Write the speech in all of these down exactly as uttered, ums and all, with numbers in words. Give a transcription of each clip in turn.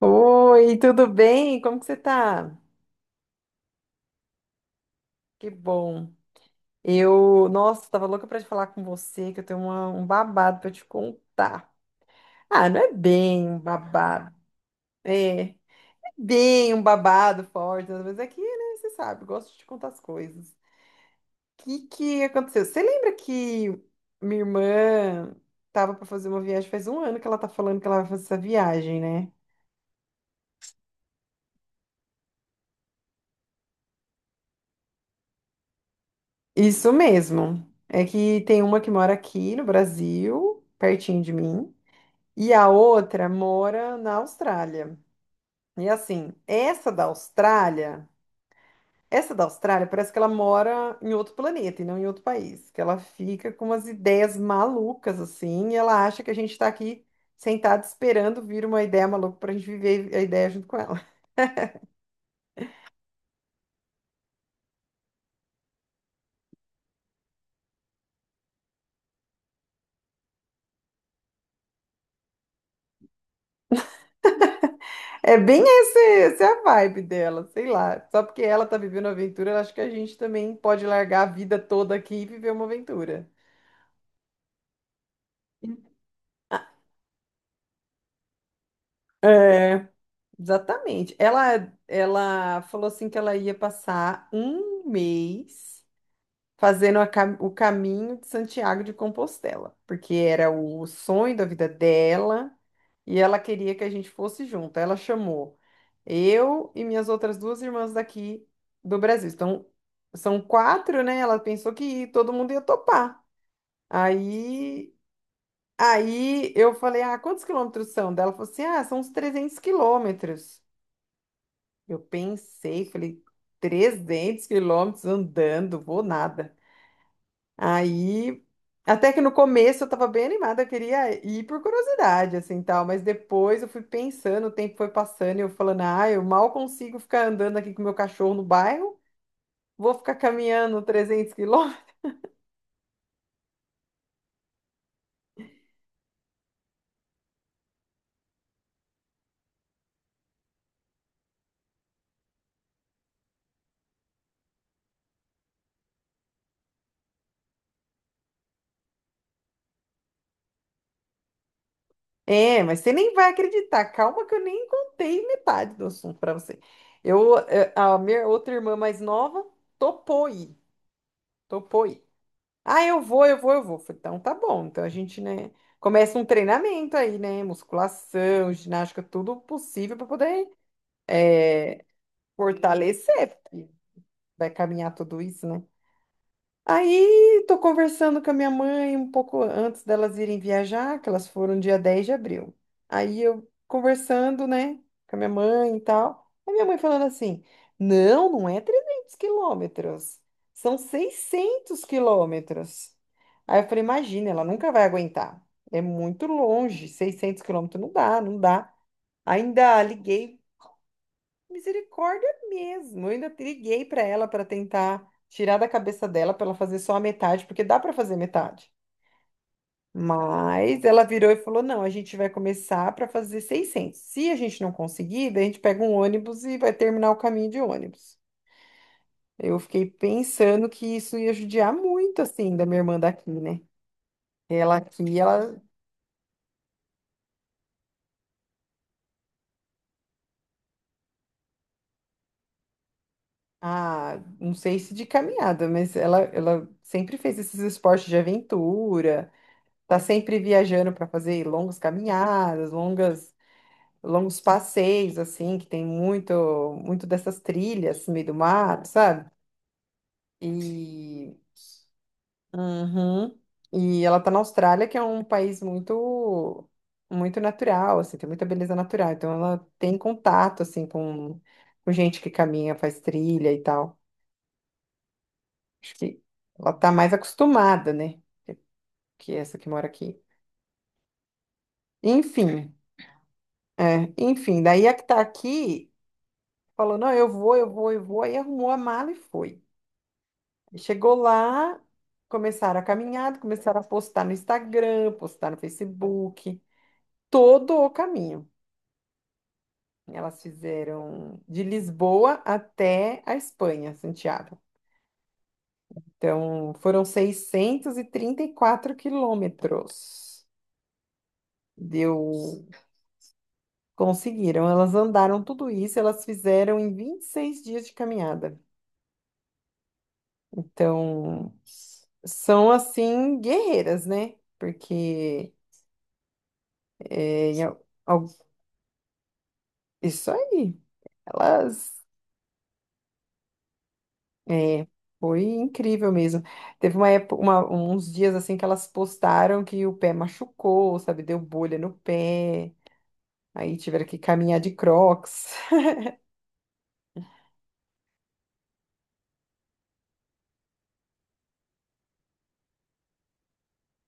Oi, tudo bem? Como que você tá? Que bom. Eu, nossa, tava louca pra te falar com você, que eu tenho uma- um babado pra te contar. Ah, não é bem um babado. É, é bem um babado forte, mas aqui, que, né, você sabe, eu gosto de te contar as coisas. O que que aconteceu? Você lembra que minha irmã tava pra fazer uma viagem, faz um ano que ela tá falando que ela vai fazer essa viagem, né? Isso mesmo. É que tem uma que mora aqui no Brasil, pertinho de mim. E a outra mora na Austrália. E assim, essa da Austrália, essa da Austrália parece que ela mora em outro planeta e não em outro país, que ela fica com umas ideias malucas assim, e ela acha que a gente está aqui sentado esperando vir uma ideia maluca para a gente viver a ideia junto com ela. É bem esse, essa é a vibe dela, sei lá. Só porque ela tá vivendo uma aventura, ela acha que a gente também pode largar a vida toda aqui e viver uma aventura. É. Exatamente. Ela, ela falou assim que ela ia passar um mês fazendo a cam- o caminho de Santiago de Compostela, porque era o sonho da vida dela e ela queria que a gente fosse junto. Ela chamou eu e minhas outras duas irmãs daqui do Brasil. Então, são quatro, né? Ela pensou que todo mundo ia topar. Aí, aí eu falei, ah, quantos quilômetros são? Dela falou assim, ah, são uns trezentos quilômetros. Eu pensei, falei, trezentos quilômetros andando, vou nada. Aí, até que no começo eu tava bem animada, eu queria ir por curiosidade, assim, tal, mas depois eu fui pensando, o tempo foi passando e eu falando, ah, eu mal consigo ficar andando aqui com meu cachorro no bairro, vou ficar caminhando trezentos quilômetros. É, mas você nem vai acreditar, calma que eu nem contei metade do assunto pra você. Eu, eh, a minha outra irmã mais nova topou ir, topou ir. Ah, eu vou, eu vou, eu vou. Falei, então tá bom. Então a gente, né, começa um treinamento aí, né? Musculação, ginástica, tudo possível para poder é, fortalecer. Porque vai caminhar tudo isso, né? Aí, tô conversando com a minha mãe um pouco antes delas irem viajar, que elas foram dia dez de abril. Aí eu conversando, né, com a minha mãe e tal. Aí minha mãe falando assim: não, não é trezentos quilômetros, são seiscentos quilômetros. Aí eu falei: imagina, ela nunca vai aguentar. É muito longe, seiscentos quilômetros não dá, não dá. Ainda liguei. Misericórdia mesmo. Eu ainda liguei para ela para tentar tirar da cabeça dela para ela fazer só a metade, porque dá para fazer metade. Mas ela virou e falou: "Não, a gente vai começar para fazer seiscentos. Se a gente não conseguir, daí a gente pega um ônibus e vai terminar o caminho de ônibus." Eu fiquei pensando que isso ia judiar muito assim da minha irmã daqui, né? Ela aqui, ela ah, não sei se de caminhada, mas ela ela sempre fez esses esportes de aventura. Tá sempre viajando para fazer longas caminhadas, longas, longos passeios, assim, que tem muito, muito dessas trilhas no meio do mato, sabe? E, uhum. E ela tá na Austrália, que é um país muito, muito natural, assim, tem muita beleza natural. Então ela tem contato, assim, com, com gente que caminha, faz trilha e tal. Acho que ela tá mais acostumada, né? Que essa que mora aqui. Enfim, é, enfim, daí a que tá aqui, falou, não, eu vou, eu vou, eu vou. Aí arrumou a mala e foi. E chegou lá, começaram a caminhada, começaram a postar no Instagram, postar no Facebook, todo o caminho. Elas fizeram de Lisboa até a Espanha, Santiago. Então, foram seiscentos e e trinta e quatro quilômetros. Deu, conseguiram. Elas andaram tudo isso, elas fizeram em vinte e seis dias de caminhada. Então, são assim guerreiras, né? Porque é, em al- al- isso aí, elas é, foi incrível mesmo. Teve uma época, uma- uns dias assim que elas postaram que o pé machucou, sabe? Deu bolha no pé, aí tiveram que caminhar de Crocs.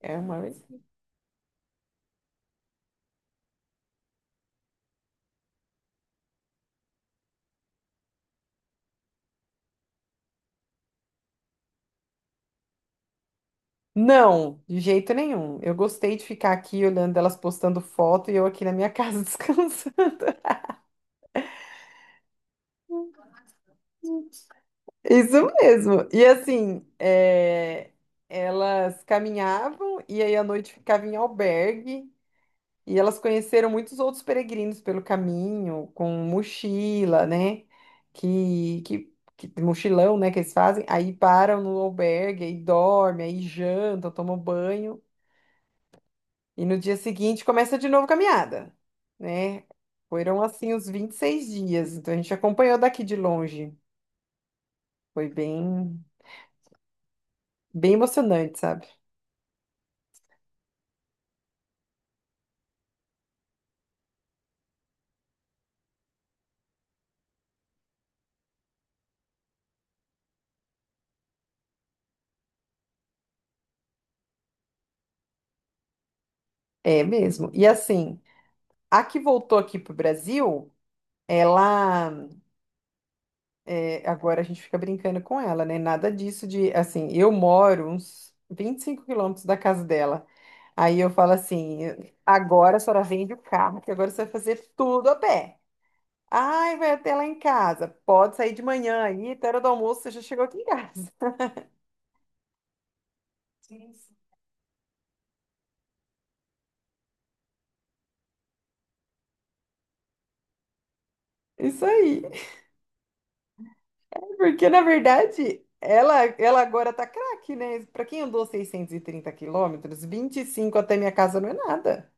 É uma... Não, de jeito nenhum. Eu gostei de ficar aqui olhando elas postando foto e eu aqui na minha casa descansando. Isso mesmo. E assim, é, elas caminhavam e aí à noite ficavam em albergue e elas conheceram muitos outros peregrinos pelo caminho, com mochila, né? Que, que, que- mochilão, né? Que eles fazem. Aí param no albergue, aí dormem, aí jantam, tomam banho e no dia seguinte começa de novo a caminhada, né? Foram assim os vinte e seis dias. Então a gente acompanhou daqui de longe. Foi bem, bem emocionante, sabe? É mesmo. E assim, a que voltou aqui pro Brasil, ela. É, agora a gente fica brincando com ela, né? Nada disso de. Assim, eu moro uns vinte e cinco quilômetros da casa dela. Aí eu falo assim: agora a senhora vende o carro, que agora você vai fazer tudo a pé. Ai, vai até lá em casa. Pode sair de manhã aí, até a hora do almoço, você já chegou aqui em casa. Isso aí. Porque, na verdade, ela, ela agora tá craque, né? Pra quem andou seiscentos e trinta quilômetros, vinte e cinco até minha casa não é nada.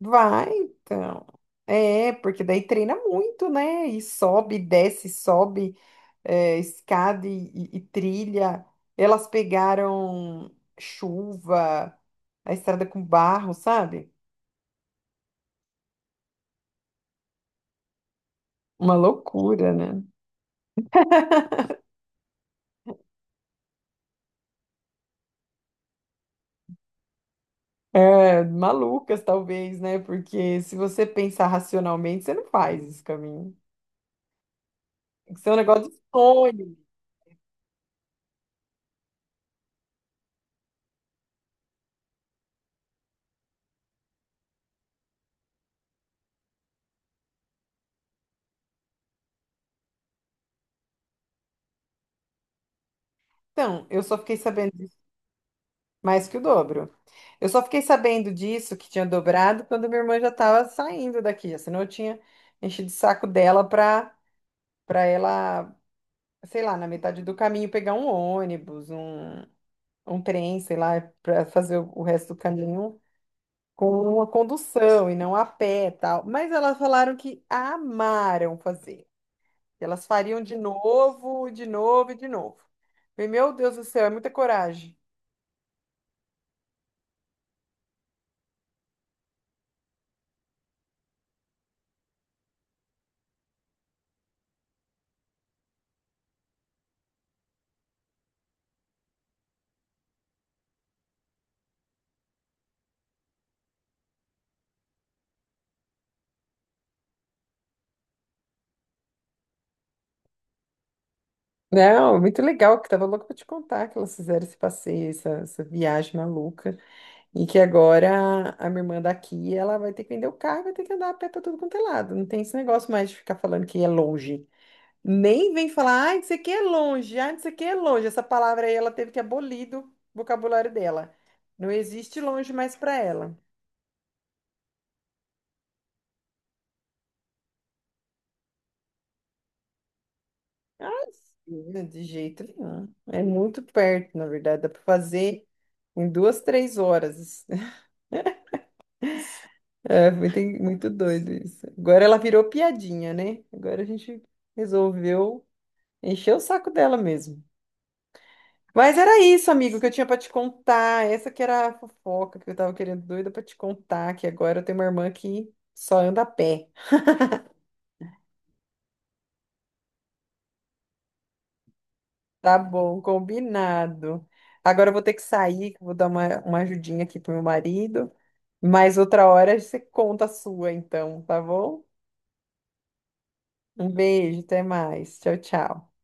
Vai, então. É, porque daí treina muito, né? E sobe, desce, sobe, é, escada e, e- e trilha. Elas pegaram chuva, a estrada com barro, sabe? Uma loucura, né? É, malucas, talvez, né? Porque se você pensar racionalmente, você não faz esse caminho. Isso é um negócio de sonho. Então, eu só fiquei sabendo disso mais que o dobro. Eu só fiquei sabendo disso, que tinha dobrado, quando minha irmã já estava saindo daqui. Senão eu tinha enchido o saco dela para para ela, sei lá, na metade do caminho pegar um ônibus, um, um trem, sei lá, para fazer o o resto do caminho com uma condução e não a pé, tal. Mas elas falaram que amaram fazer. Que elas fariam de novo, de novo e de novo. Falei, meu Deus do céu, é muita coragem. Não, muito legal, que tava louca pra te contar que elas fizeram esse passeio, essa, essa viagem maluca, e que agora a, a minha irmã daqui, ela vai ter que vender o carro, e vai ter que andar a pé pra tudo quanto é lado. Não tem esse negócio mais de ficar falando que é longe. Nem vem falar, ai, isso aqui é longe, ai, isso aqui é longe. Essa palavra aí ela teve que abolir do vocabulário dela. Não existe longe mais pra ela. Ah, sim, de jeito nenhum. É muito perto, na verdade, dá pra fazer em duas, três horas. É, muito, muito doido isso. Agora ela virou piadinha, né? Agora a gente resolveu encher o saco dela mesmo. Mas era isso, amigo, que eu tinha pra te contar. Essa que era a fofoca que eu tava querendo doida pra te contar, que agora eu tenho uma irmã que só anda a pé. Tá bom, combinado. Agora eu vou ter que sair, que eu vou dar uma, uma ajudinha aqui pro meu marido. Mas outra hora você conta a sua, então, tá bom? Um beijo, até mais. Tchau, tchau.